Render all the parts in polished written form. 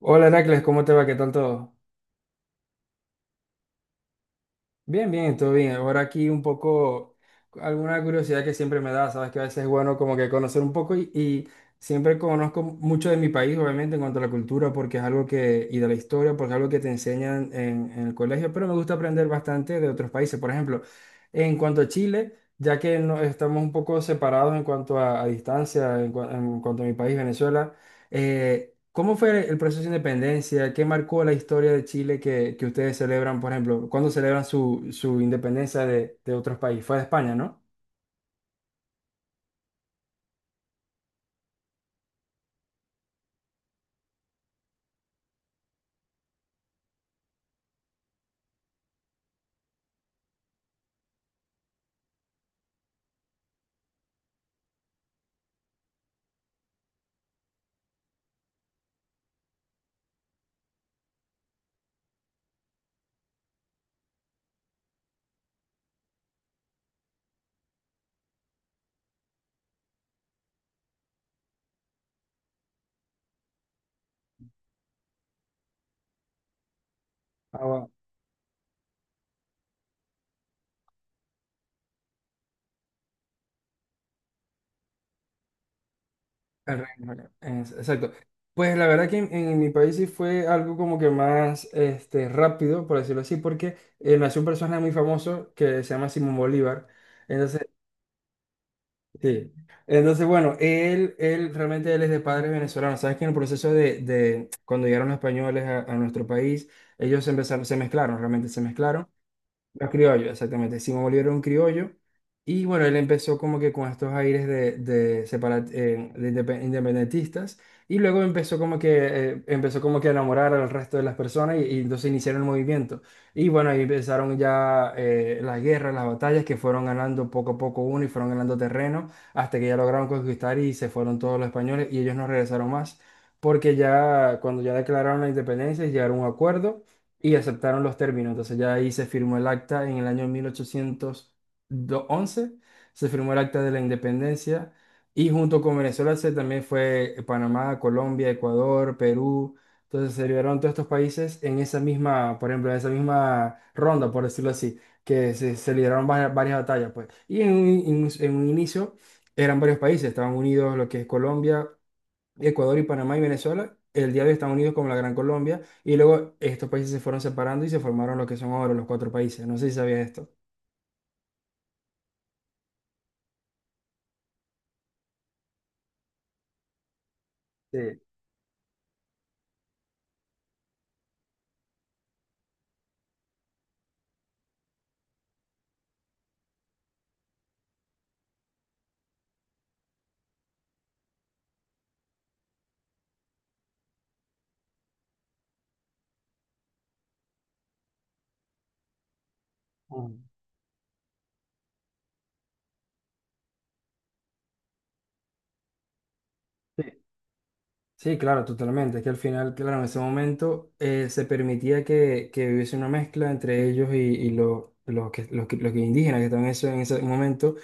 Hola Heracles, ¿cómo te va? ¿Qué tal todo? Bien, bien, todo bien. Ahora aquí un poco, alguna curiosidad que siempre me da, sabes que a veces es bueno como que conocer un poco y siempre conozco mucho de mi país, obviamente, en cuanto a la cultura, porque es algo que, y de la historia, porque es algo que te enseñan en el colegio, pero me gusta aprender bastante de otros países. Por ejemplo, en cuanto a Chile, ya que no, estamos un poco separados en cuanto a distancia, en, en cuanto a mi país, Venezuela. ¿Cómo fue el proceso de independencia? ¿Qué marcó la historia de Chile que ustedes celebran, por ejemplo? ¿Cuándo celebran su independencia de otros países? Fue de España, ¿no? Ah, va. El Reino Unido. Exacto. Pues la verdad que en mi país sí fue algo como que más este, rápido, por decirlo así, porque nació un personaje muy famoso que se llama Simón Bolívar. Entonces sí. Entonces, bueno, él realmente él es de padres venezolanos. Sabes que en el proceso de cuando llegaron los españoles a nuestro país, ellos se empezaron, se mezclaron, realmente se mezclaron. Los criollos, exactamente. Simón Bolívar era un criollo. Y bueno, él empezó como que con estos aires de independentistas. Y luego empezó como que a enamorar al resto de las personas y entonces iniciaron el movimiento. Y bueno, ahí empezaron ya las guerras, las batallas que fueron ganando poco a poco uno y fueron ganando terreno hasta que ya lograron conquistar y se fueron todos los españoles y ellos no regresaron más. Porque ya cuando ya declararon la independencia llegaron a un acuerdo y aceptaron los términos. Entonces ya ahí se firmó el acta en el año 1811, se firmó el acta de la independencia y junto con Venezuela se también fue Panamá, Colombia, Ecuador, Perú. Entonces se liberaron todos estos países en esa misma, por ejemplo, en esa misma ronda, por decirlo así, que se lideraron varias batallas, pues. Y en un, en un en un inicio eran varios países, estaban unidos lo que es Colombia. Ecuador y Panamá y Venezuela, el día de hoy están unidos como la Gran Colombia, y luego estos países se fueron separando y se formaron lo que son ahora los cuatro países. No sé si sabías esto. Sí. Mm. Sí, sí, claro, totalmente. Es que al final, claro, en ese momento se permitía que hubiese una mezcla entre ellos y los que indígenas que estaban en ese momento.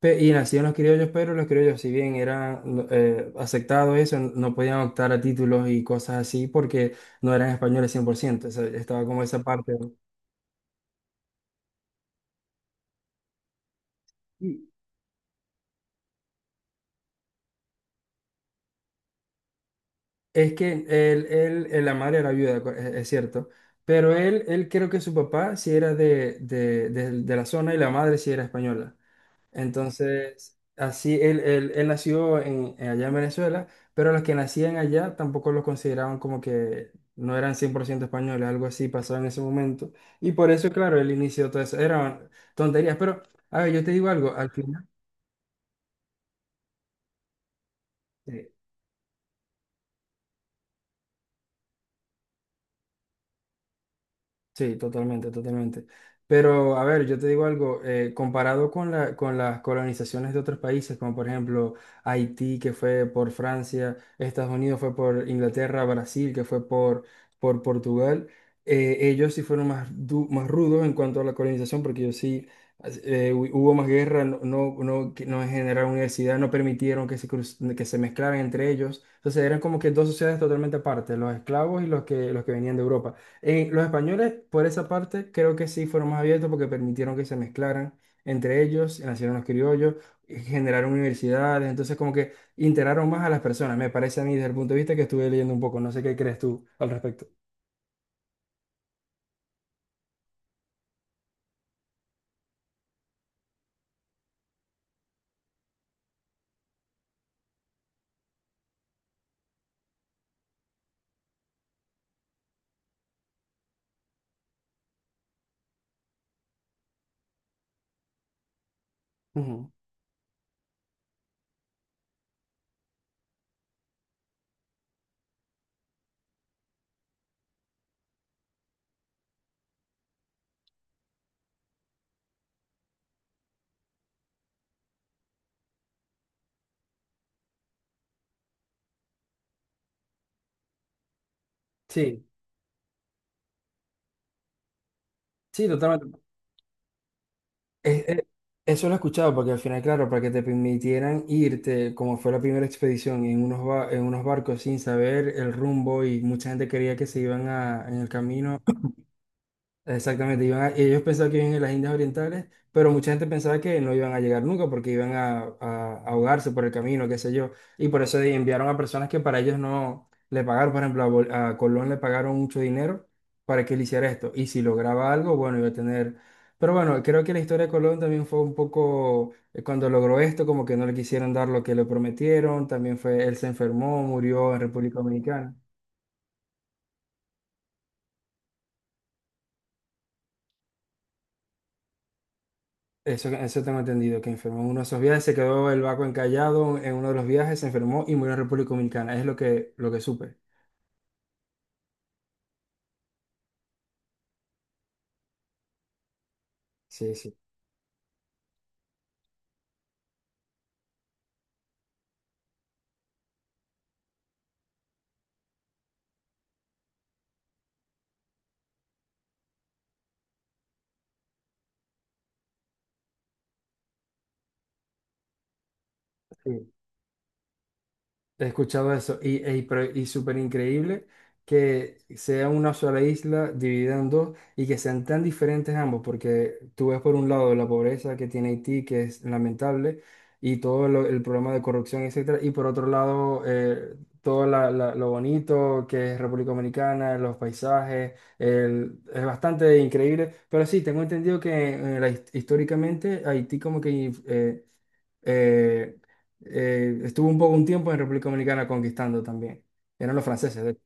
Y nacían los criollos, pero los criollos, si bien eran no, aceptados eso, no podían optar a títulos y cosas así porque no eran españoles 100%. O sea, estaba como esa parte. ¿No? Y es que él, la madre era viuda, es cierto, pero él creo que su papá sí era de, de la zona y la madre sí era española. Entonces, así él nació en allá en Venezuela, pero los que nacían allá tampoco los consideraban como que no eran 100% españoles, algo así pasaba en ese momento. Y por eso, claro, él inició todo eso. Eran tonterías, pero, a ver, yo te digo algo, al final... Sí. Sí, totalmente, totalmente. Pero, a ver, yo te digo algo, comparado con la, con las colonizaciones de otros países, como por ejemplo Haití, que fue por Francia, Estados Unidos fue por Inglaterra, Brasil, que fue por Portugal, ellos sí fueron más, más rudos en cuanto a la colonización, porque ellos sí, hubo más guerra, no, no, no, no generaron universidad, no permitieron que se, que se mezclaran entre ellos. Entonces eran como que dos sociedades totalmente aparte, los esclavos y los que venían de Europa. Los españoles, por esa parte, creo que sí fueron más abiertos porque permitieron que se mezclaran entre ellos, nacieron los criollos, generaron universidades, entonces como que integraron más a las personas, me parece a mí desde el punto de vista que estuve leyendo un poco, no sé qué crees tú al respecto. Ujú. Sí, sí, totalmente. Es- es- Eso lo he escuchado porque al final, claro, para que te permitieran irte, como fue la primera expedición, en unos, en unos barcos sin saber el rumbo y mucha gente quería que se iban a, en el camino. Exactamente, ellos pensaban que iban en las Indias Orientales, pero mucha gente pensaba que no iban a llegar nunca porque iban a, a ahogarse por el camino, qué sé yo. Y por eso enviaron a personas que para ellos no le pagaron, por ejemplo, a Colón le pagaron mucho dinero para que él hiciera esto. Y si lograba algo, bueno, iba a tener... Pero bueno, creo que la historia de Colón también fue un poco, cuando logró esto, como que no le quisieron dar lo que le prometieron, también fue, él se enfermó, murió en República Dominicana. Eso tengo entendido, que enfermó en uno de esos viajes, se quedó el barco encallado en uno de los viajes, se enfermó y murió en República Dominicana. Es lo que supe. Sí, sí, sí. He escuchado eso y, ey, y súper increíble que sea una sola isla dividida en dos y que sean tan diferentes ambos, porque tú ves por un lado la pobreza que tiene Haití, que es lamentable, y el problema de corrupción, etcétera, y por otro lado todo lo bonito que es República Dominicana, los paisajes, es bastante increíble, pero sí, tengo entendido que históricamente Haití como que... eh, estuvo un poco un tiempo en República Dominicana conquistando también. Eran los franceses, de hecho.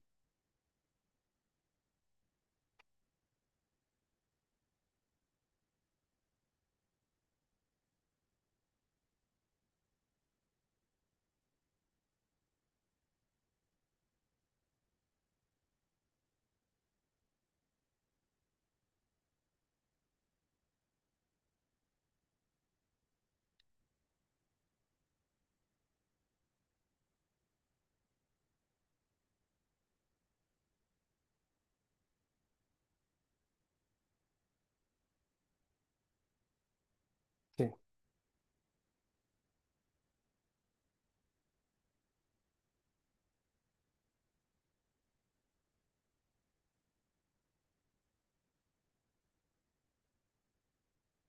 Sí,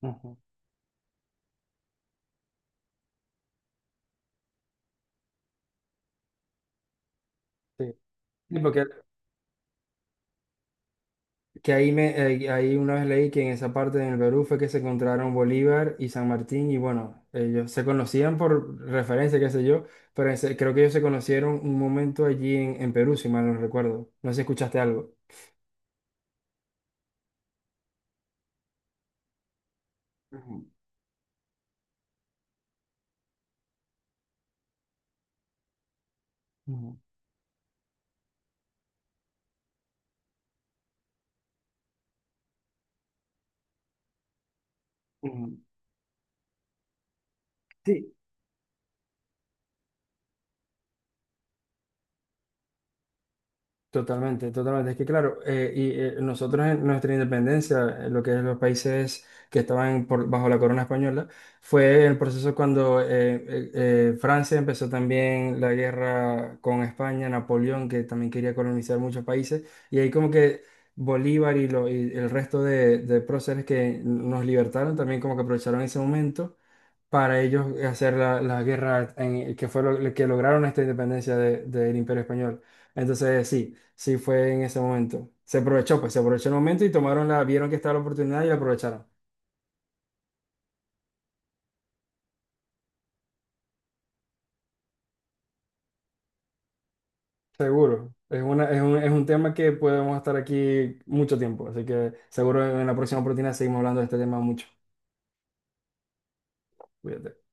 ujú, sí. Sí, porque que ahí, me, ahí una vez leí que en esa parte del Perú fue que se encontraron Bolívar y San Martín y bueno, ellos se conocían por referencia, qué sé yo, pero creo que ellos se conocieron un momento allí en Perú, si mal no recuerdo. No sé si escuchaste algo. Ujú, ujú, ujú. Sí, totalmente, totalmente. Es que claro, nosotros en nuestra independencia, lo que es los países que estaban bajo la corona española, fue el proceso cuando Francia empezó también la guerra con España, Napoleón, que también quería colonizar muchos países, y ahí como que Bolívar y, y el resto de próceres que nos libertaron también como que aprovecharon ese momento para ellos hacer la, la guerra que fue lo que lograron esta independencia del Imperio Español. Entonces, sí. Sí, fue en ese momento. Se aprovechó, pues se aprovechó el momento y tomaron la, vieron que estaba la oportunidad y la aprovecharon. Seguro. Es una, es un tema que podemos estar aquí mucho tiempo. Así que seguro en la próxima oportunidad seguimos hablando de este tema mucho. Cuídate.